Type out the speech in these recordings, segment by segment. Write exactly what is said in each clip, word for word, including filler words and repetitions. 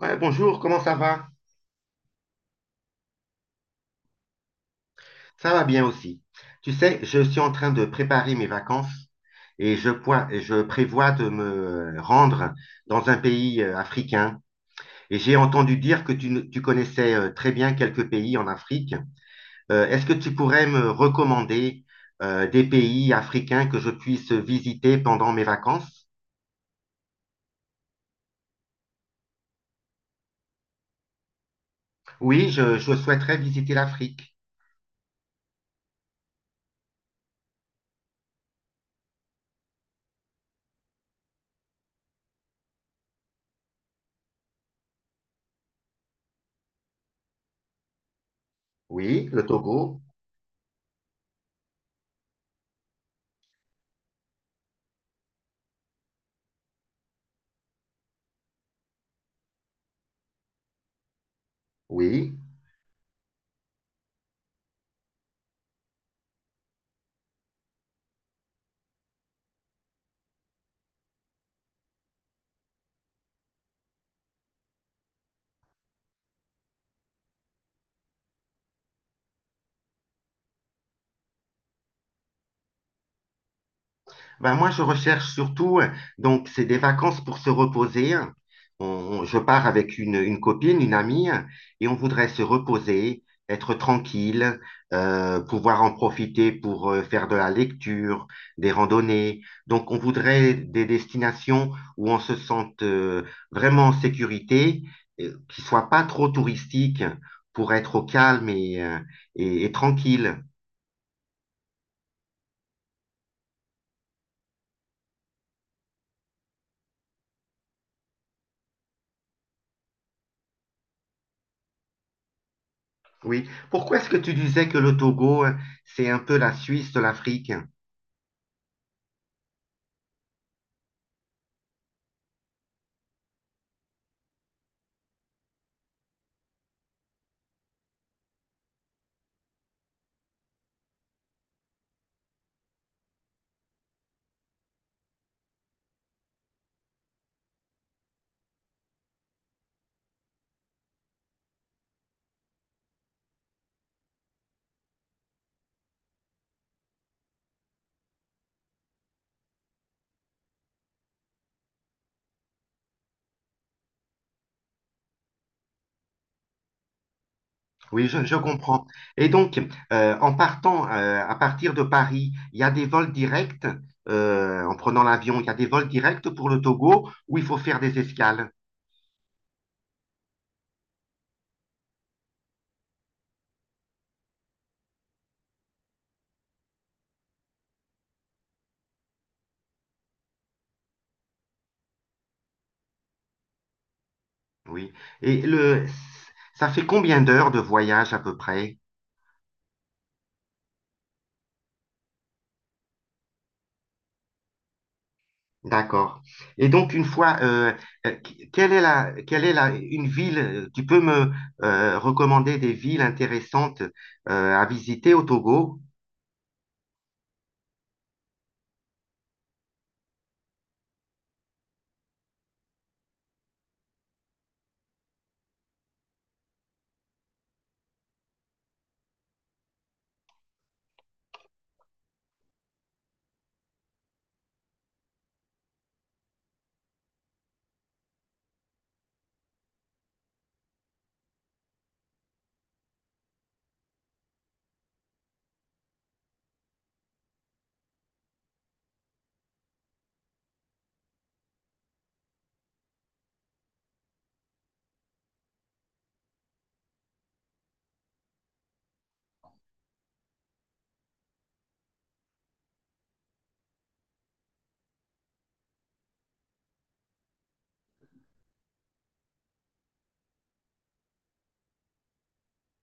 Ouais, bonjour, comment ça va? Ça va bien aussi. Tu sais, je suis en train de préparer mes vacances et je, poi- et je prévois de me rendre dans un pays euh, africain. Et j'ai entendu dire que tu, ne- tu connaissais euh, très bien quelques pays en Afrique. Euh, est-ce que tu pourrais me recommander euh, des pays africains que je puisse visiter pendant mes vacances? Oui, je, je souhaiterais visiter l'Afrique. Oui, le Togo. Oui. Ben, moi, je recherche surtout, euh, donc, c'est des vacances pour se reposer. On- on- je pars avec une, une copine, une amie, et on voudrait se reposer, être tranquille, euh, pouvoir en profiter pour euh, faire de la lecture, des randonnées. Donc, on voudrait des destinations où on se sente euh, vraiment en sécurité, euh, qui soient pas trop touristiques, pour être au calme et, euh, et et tranquille. Oui. Pourquoi est-ce que tu disais que le Togo, hein, c'est un peu la Suisse de l'Afrique? Oui, je, je comprends. Et donc, euh, en partant euh, à partir de Paris, il y a des vols directs, euh, en prenant l'avion, il y a des vols directs pour le Togo où il faut faire des escales. Oui. Et le, ça fait combien d'heures de voyage à peu près? D'accord. Et donc, une fois, euh, euh, qui- quelle est la, quelle est la, une ville, euh, tu peux me euh, recommander des villes intéressantes euh, à visiter au Togo?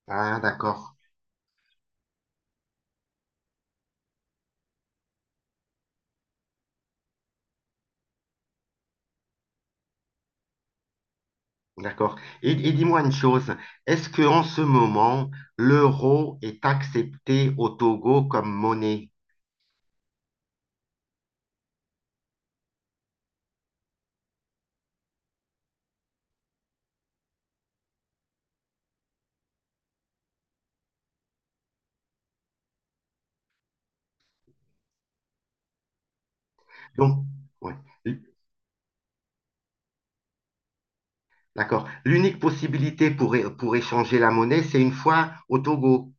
Ah, d'accord, d'accord. Et, et dis-moi une chose, est-ce que en ce moment, l'euro est accepté au Togo comme monnaie? Donc, ouais, l- d'accord. L'unique possibilité pour, é- pour échanger la monnaie, c'est une fois au Togo.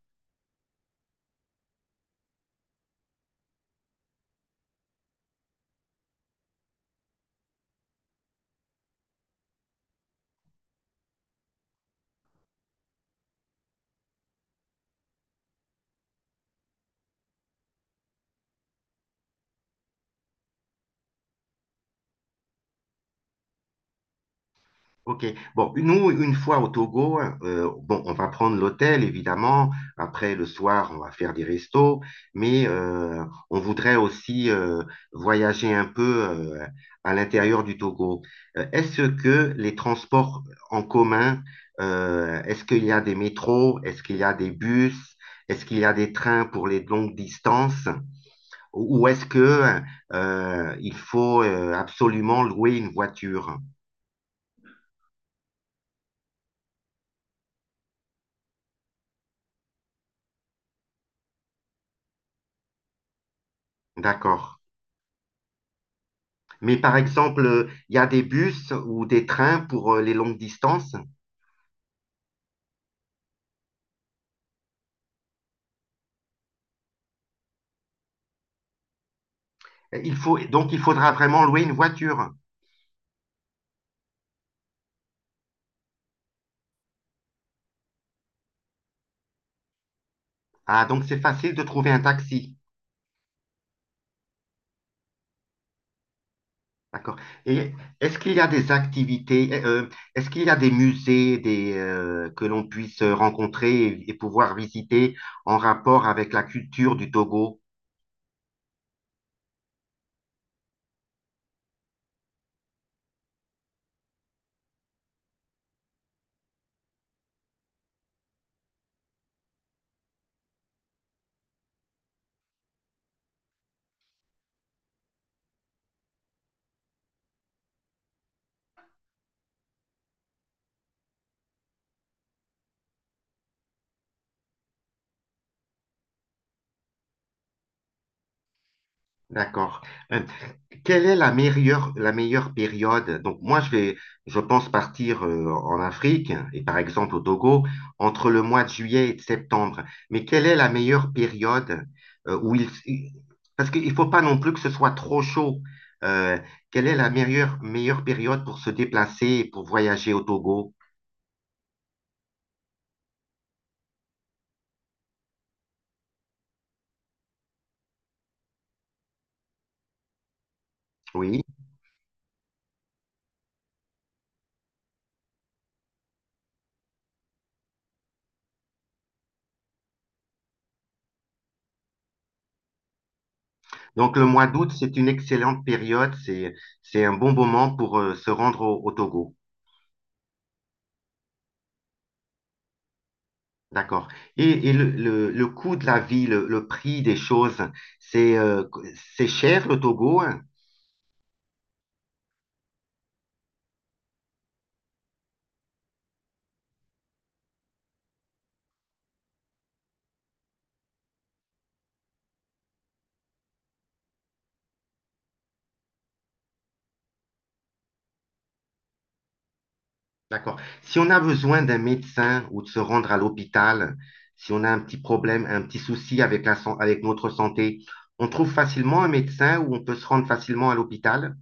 OK. Bon, nous, une fois au Togo, euh, bon, on va prendre l'hôtel, évidemment. Après, le soir, on va faire des restos. Mais euh, on voudrait aussi euh, voyager un peu euh, à l'intérieur du Togo. Euh, est-ce que les transports en commun, euh, est-ce qu'il y a des métros? Est-ce qu'il y a des bus? Est-ce qu'il y a des trains pour les longues distances? Ou ou est-ce que euh, il faut euh, absolument louer une voiture? D'accord. Mais par exemple, euh, il y a des bus ou des trains pour euh, les longues distances. Il faut, donc, il faudra vraiment louer une voiture. Ah, donc c'est facile de trouver un taxi. D'accord. Et est-ce qu'il y a des activités, euh, est-ce qu'il y a des musées des, euh, que l'on puisse rencontrer et, et pouvoir visiter en rapport avec la culture du Togo? D'accord. Euh, quelle est la meilleure, la meilleure période? Donc moi, je vais, je pense partir euh, en Afrique et par exemple au Togo entre le mois de juillet et de septembre. Mais quelle est la meilleure période euh, où il, il- parce qu'il faut pas non plus que ce soit trop chaud. Euh, Quelle est la meilleure, meilleure période pour se déplacer et pour voyager au Togo? Oui. Donc le mois d'août, c'est une excellente période. C'est, c'est un bon moment pour euh, se rendre au au Togo. D'accord. Et, et le, le, le coût de la vie, le, le prix des choses, c'est euh, c'est cher le Togo? Hein. D'accord. Si on a besoin d'un médecin ou de se rendre à l'hôpital, si on a un petit problème, un petit souci avec la, san- avec notre santé, on trouve facilement un médecin ou on peut se rendre facilement à l'hôpital?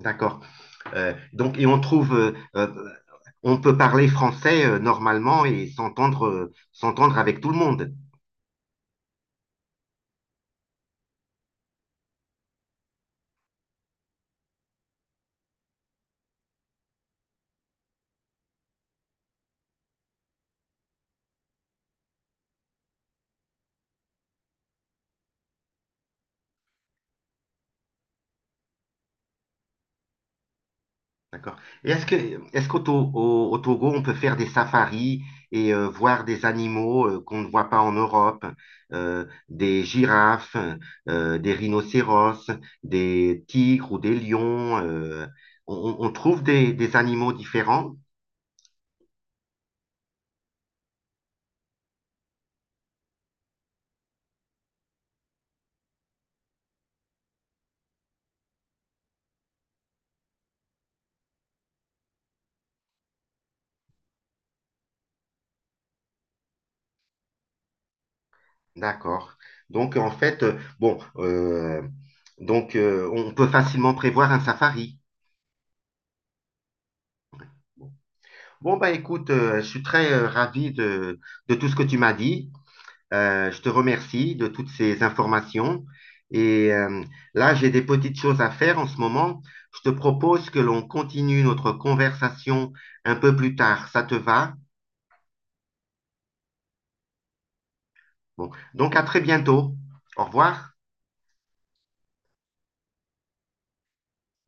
D'accord. Euh, donc, et on trouve, euh, euh, on peut parler français euh, normalement et s'entendre euh, s'entendre avec tout le monde. D'accord. Et est-ce que, Est-ce qu'au To- au, au Togo, on peut faire des safaris et euh, voir des animaux euh, qu'on ne voit pas en Europe, euh, des girafes, euh, des rhinocéros, des tigres ou des lions, euh, on, on- on trouve des, des animaux différents? D'accord. Donc, en fait, euh, bon, euh, donc, euh, on peut facilement prévoir un safari. Bon, bah écoute, euh, je suis très euh, ravi de, de tout ce que tu m'as dit. Euh, je te remercie de toutes ces informations. Et euh, là, j'ai des petites choses à faire en ce moment. Je te propose que l'on continue notre conversation un peu plus tard. Ça te va? Bon, donc à très bientôt. Au revoir.